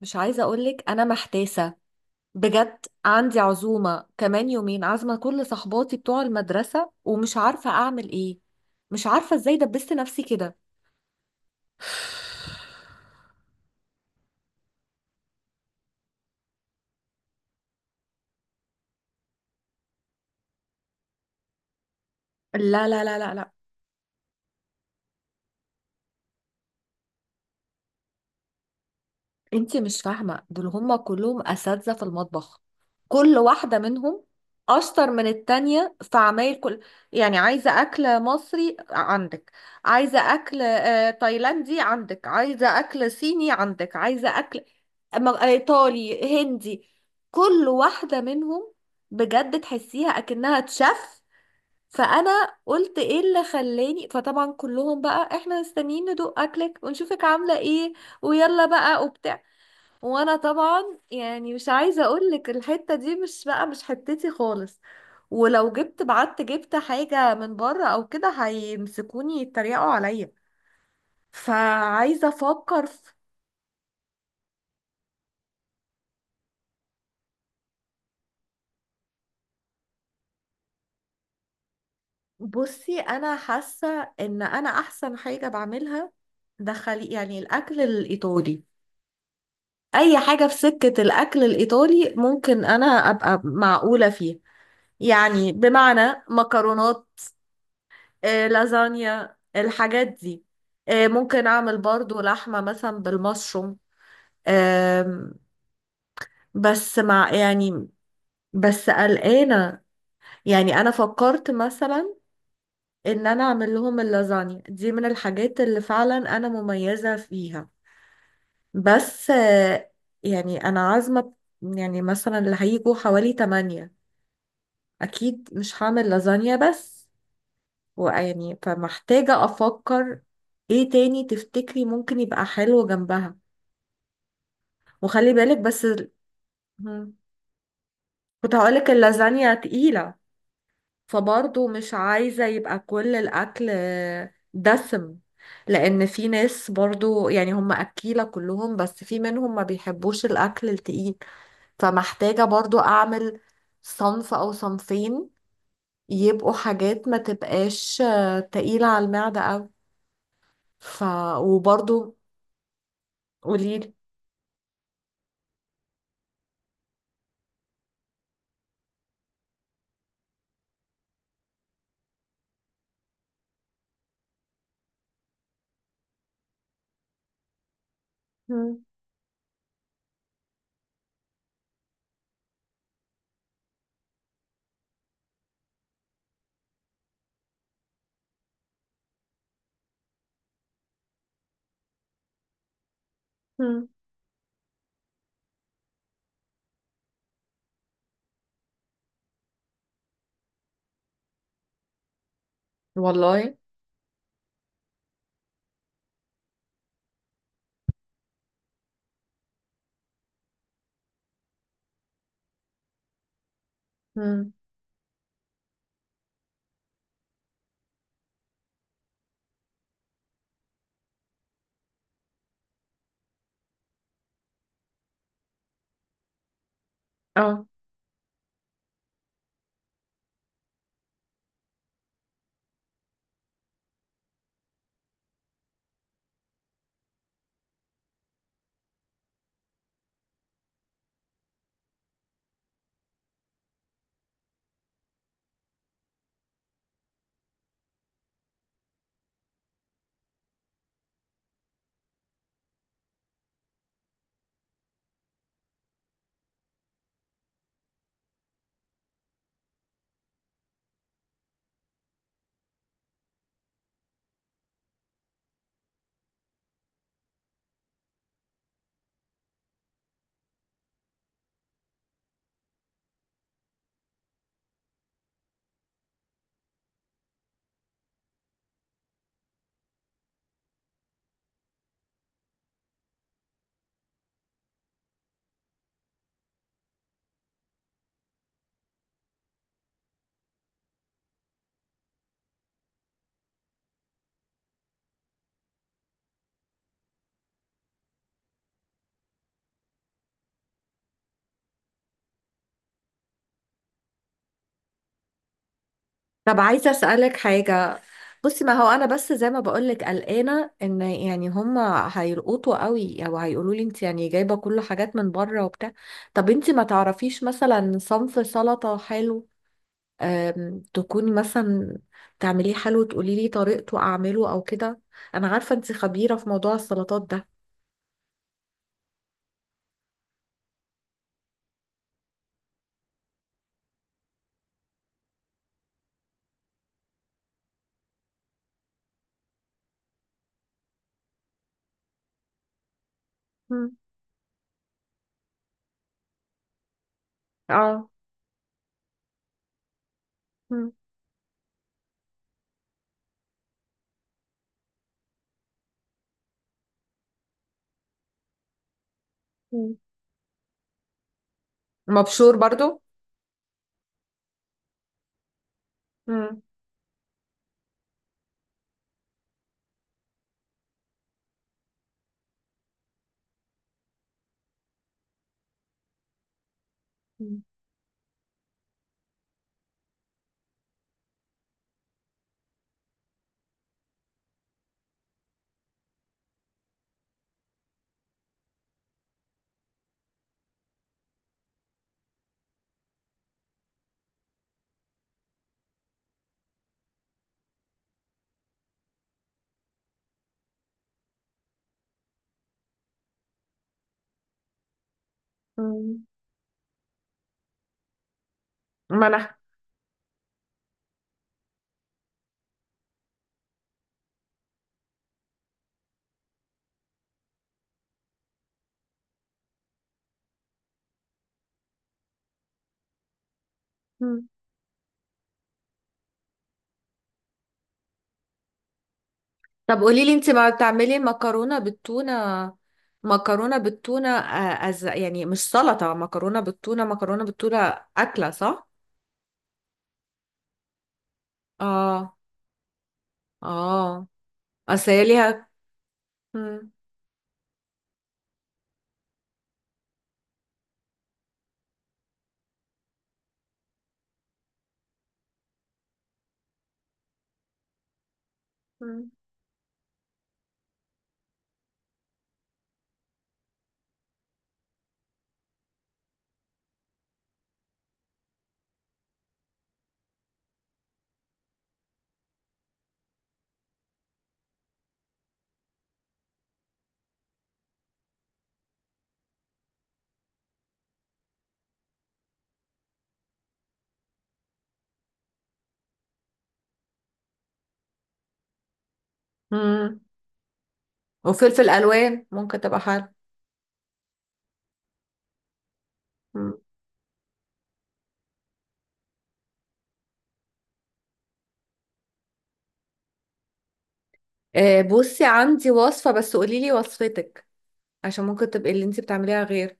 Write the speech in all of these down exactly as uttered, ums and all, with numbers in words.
مش عايزة أقولك، أنا محتاسة بجد. عندي عزومة كمان يومين، عازمة كل صحباتي بتوع المدرسة ومش عارفة أعمل إيه. مش عارفة إزاي دبست نفسي كده. لا لا لا لا لا، انتي مش فاهمة، دول هما كلهم أساتذة في المطبخ. كل واحدة منهم أشطر من التانية في عمايل كل. يعني عايزة أكل مصري عندك، عايزة أكل آه، تايلاندي عندك، عايزة أكل صيني عندك، عايزة أكل م- آه، إيطالي هندي. كل واحدة منهم بجد تحسيها أكنها تشف. فأنا قلت إيه اللي خلاني، فطبعا كلهم بقى: إحنا مستنيين ندوق أكلك ونشوفك عاملة إيه ويلا بقى وبتاع. وانا طبعا يعني مش عايزه اقول لك، الحته دي مش بقى مش حتتي خالص. ولو جبت بعت جبت حاجه من بره او كده هيمسكوني يتريقوا عليا. فعايزه افكر في... بصي، انا حاسه ان انا احسن حاجه بعملها دخلي يعني الاكل الايطالي. اي حاجه في سكه الاكل الايطالي ممكن انا ابقى معقوله فيها. يعني بمعنى مكرونات، آه، لازانيا، الحاجات دي. آه، ممكن اعمل برضو لحمة مثلا بالمشروم. آم، بس مع يعني... بس قلقانة. يعني انا فكرت مثلا ان انا اعمل لهم اللازانيا دي من الحاجات اللي فعلا انا مميزة فيها. بس آه، يعني انا عازمة، يعني مثلا اللي هيجوا حوالي تمانية، اكيد مش هعمل لازانيا بس. ويعني فمحتاجة افكر ايه تاني تفتكري ممكن يبقى حلو جنبها. وخلي بالك بس ال- مم. كنت هقولك اللازانيا تقيلة، فبرضه مش عايزة يبقى كل الأكل دسم. لأن في ناس برضه يعني هم أكيلة كلهم، بس في منهم ما بيحبوش الأكل التقيل. فمحتاجة برضو أعمل صنف أو صنفين يبقوا حاجات ما تبقاش آه، تقيلة على المعدة أوي. ف وبرضو قوليلي. مم. مم. والله. مم. اه. طب عايزة أسألك حاجة. بصي، ما هو أنا بس زي ما بقولك قلقانة إن يعني هما هيرقطوا قوي أو هيقولوا لي: أنت يعني جايبة كل حاجات من بره وبتاع. طب أنت ما تعرفيش مثلا صنف سلطة حلو، أم، تكوني مثلا تعمليه حلو تقولي لي طريقته أعمله أو كده؟ أنا عارفة أنت خبيرة في موضوع السلطات ده. مم. اه. مم. مم. مبشور برضو. مم. مم. منح. طب قولي لي، انت ما بتعملي مكرونه بالتونه، مكرونه بالتونه آه، أز... يعني مش سلطه مكرونه بالتونه، مكرونه بالتونه اكله صح؟ اه. اه. اصل هي ليها... مم، مم، مم. وفلفل الوان ممكن تبقى حلو. مم. آه، بصي عندي وصفه بس قولي لي وصفتك، عشان ممكن تبقي اللي انت بتعمليها غير.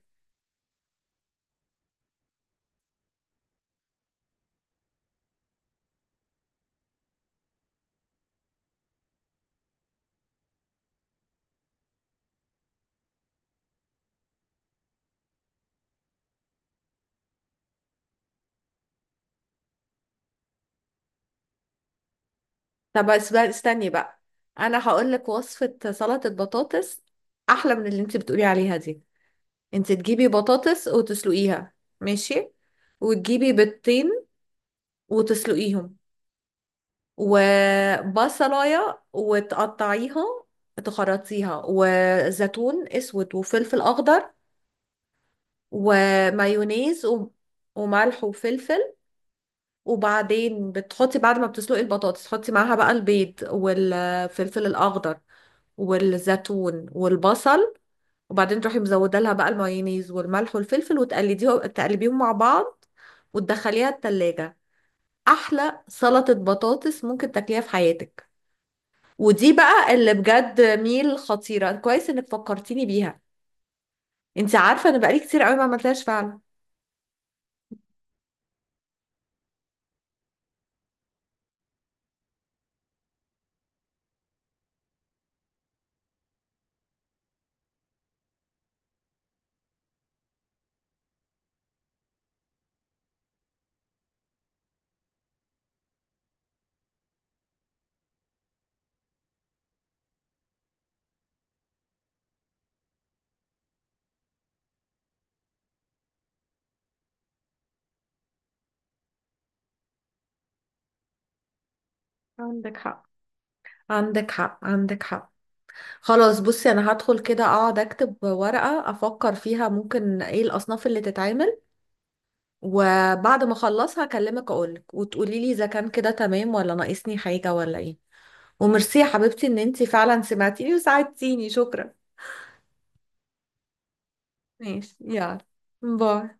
طب بس بقى استني بقى، انا هقول لك وصفه سلطه بطاطس احلى من اللي انت بتقولي عليها دي. انت تجيبي بطاطس وتسلقيها. ماشي. وتجيبي بيضتين وتسلقيهم، وبصلاية وتقطعيها تخرطيها، وزيتون اسود، وفلفل اخضر، ومايونيز، و... وملح وفلفل. وبعدين بتحطي بعد ما بتسلقي البطاطس تحطي معاها بقى البيض والفلفل الاخضر والزيتون والبصل. وبعدين تروحي مزوده لها بقى المايونيز والملح والفلفل وتقلديهم تقلبيهم مع بعض وتدخليها التلاجة. احلى سلطة بطاطس ممكن تاكليها في حياتك. ودي بقى اللي بجد ميل خطيرة. كويس انك فكرتيني بيها. انت عارفة انا بقالي كتير قوي ما عملتهاش فعلا. عندك حق، عندك حق، عندك حق. خلاص، بصي، انا هدخل كده اقعد اكتب ورقة افكر فيها ممكن ايه الاصناف اللي تتعمل. وبعد ما اخلصها اكلمك اقولك وتقولي لي اذا كان كده تمام ولا ناقصني حاجة ولا ايه. وميرسي يا حبيبتي ان انتي فعلا سمعتيني وساعدتيني. شكرا. ماشي يلا. باي.